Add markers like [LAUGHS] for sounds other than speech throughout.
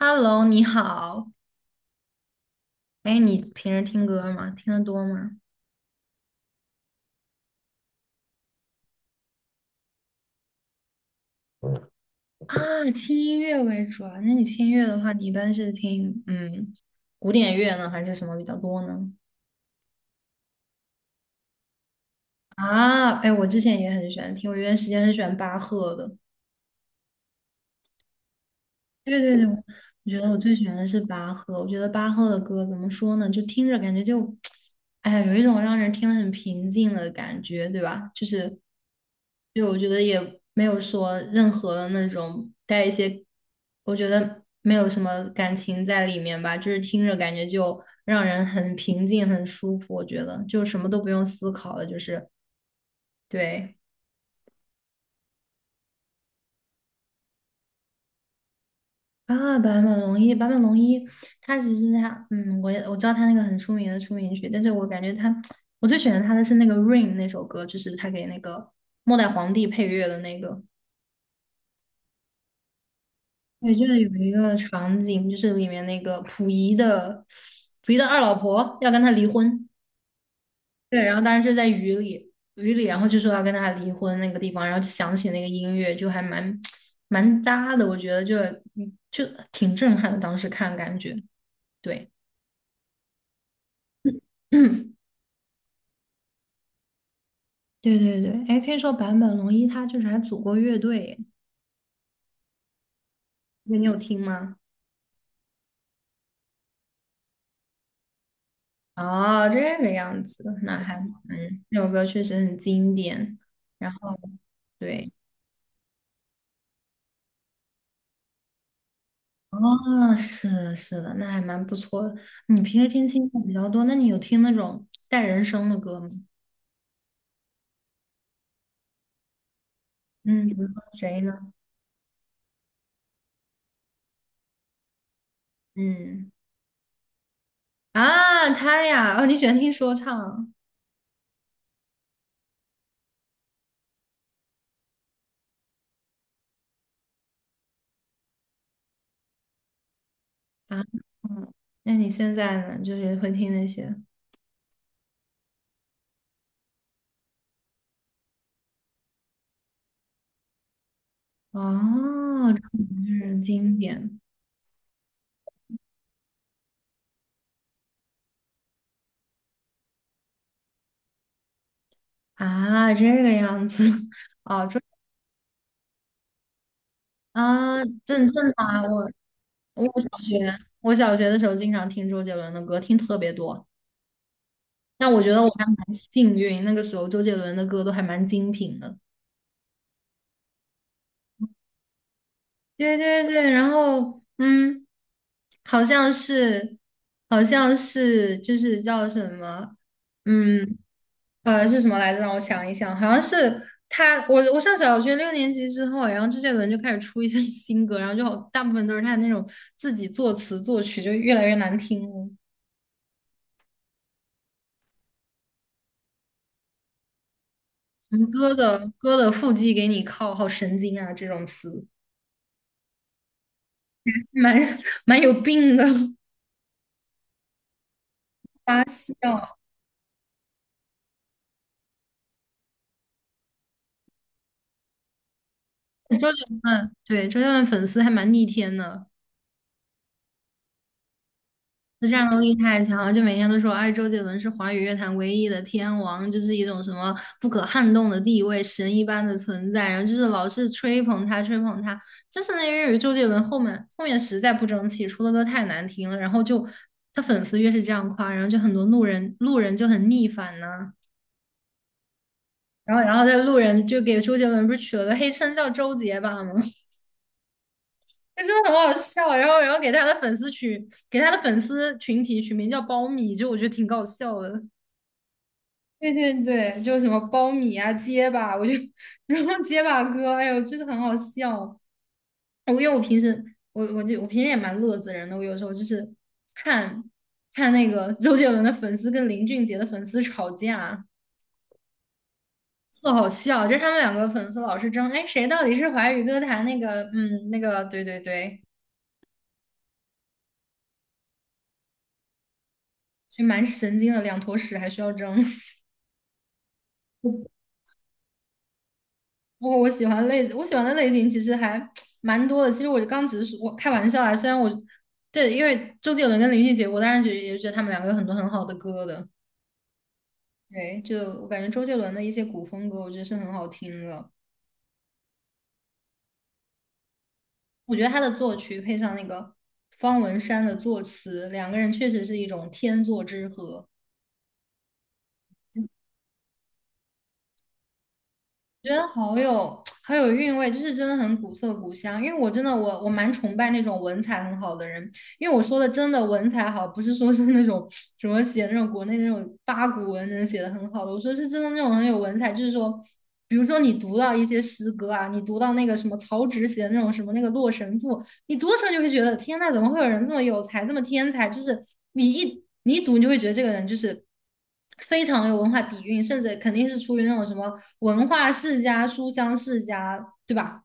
Hello，你好。哎，你平时听歌吗？听得多吗？啊，轻音乐为主啊。那你轻音乐的话，你一般是听古典乐呢，还是什么比较多呢？啊，哎，我之前也很喜欢听，我有段时间很喜欢巴赫的。对对对，我觉得我最喜欢的是巴赫。我觉得巴赫的歌怎么说呢？就听着感觉就，哎呀，有一种让人听得很平静的感觉，对吧？就是，就我觉得也没有说任何的那种带一些，我觉得没有什么感情在里面吧，就是听着感觉就让人很平静、很舒服。我觉得就什么都不用思考了，就是对。啊，坂本龙一，坂本龙一，他其实他，我也我知道他那个很出名的出名曲，但是我感觉他，我最喜欢他的是那个《Rain》那首歌，就是他给那个末代皇帝配乐的那个。对，就是有一个场景，就是里面那个溥仪的二老婆要跟他离婚，对，然后当时就在雨里，然后就说要跟他离婚那个地方，然后就响起那个音乐，就还蛮搭的，我觉得就挺震撼的，当时看感觉，对。[CLEARS THROAT] 对对对，哎，听说坂本龙一他就是还组过乐队，对你有听吗？哦，这个样子，那还。嗯，这首歌确实很经典。然后对，哦，是的，是的，那还蛮不错的。你平时听轻松比较多，那你有听那种带人声的歌吗？嗯，比如说谁呢？嗯，啊，他呀，哦，你喜欢听说唱啊？嗯，那你现在呢？就是会听那些哦，这可能是经典。啊，这个样子 [LAUGHS]，哦，周啊，正常啊，我小学我小学的时候经常听周杰伦的歌，听特别多。但我觉得我还蛮幸运，那个时候周杰伦的歌都还蛮精品的。对对对，然后嗯，好像是好像是就是叫什么，嗯，呃，是什么来着？让我想一想，好像是他，我上小学六年级之后，然后周杰伦就开始出一些 [LAUGHS] 新歌，然后就好大部分都是他那种自己作词作曲，就越来越难听了。什么歌的腹肌给你靠，好神经啊，这种词，蛮 [LAUGHS] 蛮有病的，发笑。周杰伦，对，周杰伦粉丝还蛮逆天的。这战斗力太强了，就每天都说，哎，周杰伦是华语乐坛唯一的天王，就是一种什么不可撼动的地位，神一般的存在，然后就是老是吹捧他。但是那因为周杰伦后面实在不争气，出的歌太难听了，然后就他粉丝越是这样夸，然后就很多路人就很逆反呢。然后在路人就给周杰伦不是取了个黑称叫周杰吧吗？[LAUGHS] 就真的很好笑，然后给他的粉丝群体取名叫苞米，就我觉得挺搞笑的。对对对，就是什么苞米啊、结巴，我就 [LAUGHS] 然后结巴哥，哎呦，真的很好笑。因为我平时也蛮乐子人的，我有时候就是看看那个周杰伦的粉丝跟林俊杰的粉丝吵架，特好笑。就是他们两个粉丝老是争，哎，谁到底是华语歌坛那个，对对对，就蛮神经的，两坨屎还需要争。[LAUGHS] 我喜欢的类型其实还 [TSK] 蛮多的。其实我刚只是说我开玩笑啦，虽然我对，因为周杰伦跟林俊杰，我当然觉得他们两个有很多很好的歌的。对，就我感觉周杰伦的一些古风歌，我觉得是很好听的。我觉得他的作曲配上那个方文山的作词，两个人确实是一种天作之合。觉得好有韵味，就是真的很古色古香。因为我真的我蛮崇拜那种文采很好的人，因为我说的真的文采好，不是说是那种什么写那种国内那种八股文能写的很好的，我说是真的那种很有文采，就是说，比如说你读到一些诗歌啊，你读到那个什么曹植写的那种什么那个《洛神赋》，你读的时候你就会觉得天呐，怎么会有人这么有才，这么天才？就是你一读，你就会觉得这个人就是。非常有文化底蕴，甚至肯定是出于那种什么文化世家、书香世家，对吧？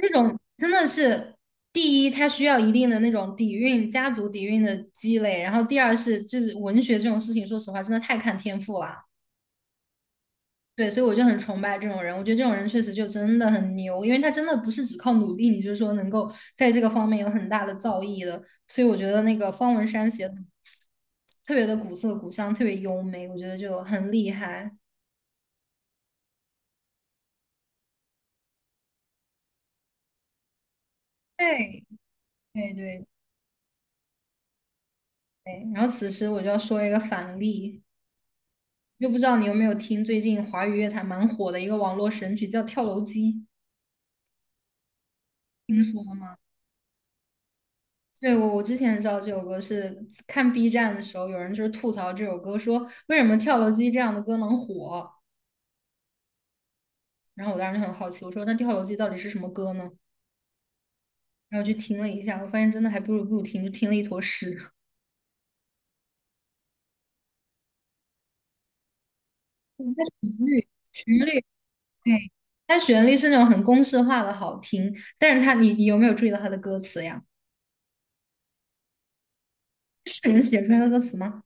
这种真的是第一，它需要一定的那种底蕴、家族底蕴的积累，然后第二是就是文学这种事情，说实话真的太看天赋了。对，所以我就很崇拜这种人，我觉得这种人确实就真的很牛，因为他真的不是只靠努力，你就是说能够在这个方面有很大的造诣的。所以我觉得那个方文山写的特别的古色古香，特别优美，我觉得就很厉害。对，对对对。然后此时我就要说一个反例，就不知道你有没有听最近华语乐坛蛮火的一个网络神曲叫《跳楼机》，听说吗？对，我之前知道这首歌是看 B 站的时候，有人就是吐槽这首歌，说为什么《跳楼机》这样的歌能火？然后我当时就很好奇，我说那《跳楼机》到底是什么歌呢？然后去听了一下，我发现真的还不如不听，就听了一坨屎。[LAUGHS] 嗯它旋律，旋律，对，它旋律是那种很公式化的好听，但是它你有没有注意到它的歌词呀？是人写出来的歌词吗？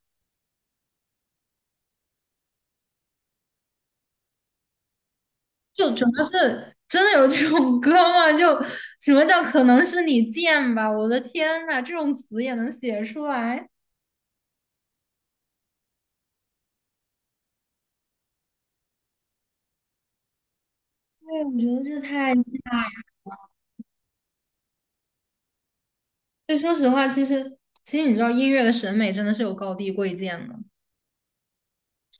就主要是真的有这种歌吗？就什么叫可能是你贱吧？我的天呐，这种词也能写出来？对，我觉得这太吓人。对，说实话，其实你知道，音乐的审美真的是有高低贵贱的。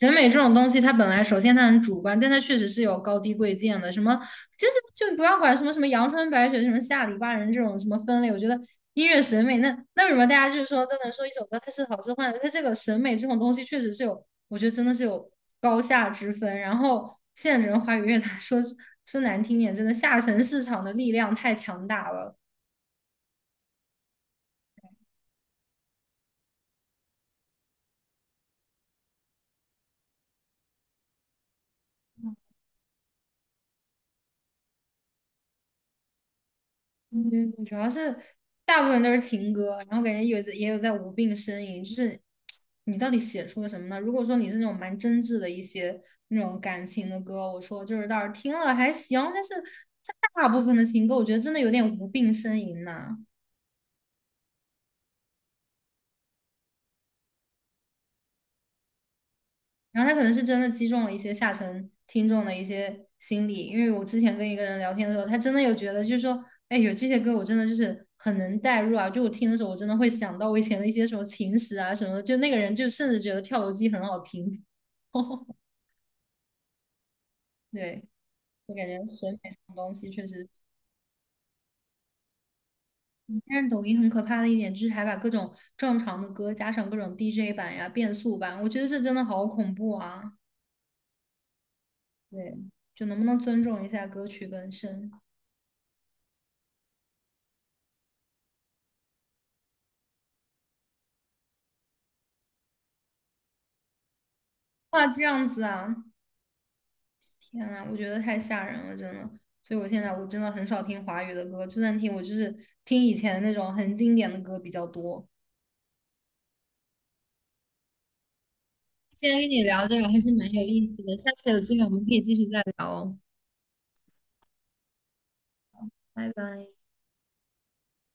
审美这种东西，它本来首先它很主观，但它确实是有高低贵贱的。什么就不要管什么什么阳春白雪、什么下里巴人这种什么分类，我觉得音乐审美那为什么大家就是说都能说一首歌它是好是坏的？它这个审美这种东西确实是有，我觉得真的是有高下之分。然后现在整个华语乐坛说难听点，真的下沉市场的力量太强大了。嗯，主要是大部分都是情歌，然后感觉有也有在无病呻吟，就是你到底写出了什么呢？如果说你是那种蛮真挚的一些那种感情的歌，我说就是倒是听了还行，但是它大部分的情歌，我觉得真的有点无病呻吟呢。然后他可能是真的击中了一些下沉听众的一些心理，因为我之前跟一个人聊天的时候，他真的有觉得就是说，哎，有这些歌我真的就是很能代入啊，就我听的时候我真的会想到我以前的一些什么情史啊什么的，就那个人就甚至觉得跳楼机很好听。[LAUGHS] 对，我感觉审美这种东西确实，但是抖音很可怕的一点就是还把各种正常的歌加上各种 DJ 版呀、变速版，我觉得这真的好恐怖啊！对，就能不能尊重一下歌曲本身？哇，这样子啊，天呐，我觉得太吓人了，真的。所以我现在我真的很少听华语的歌，就算听，我就是听以前那种很经典的歌比较多。今天跟你聊这个还是蛮有意思的，下次有机会我们可以继续再聊哦，拜拜。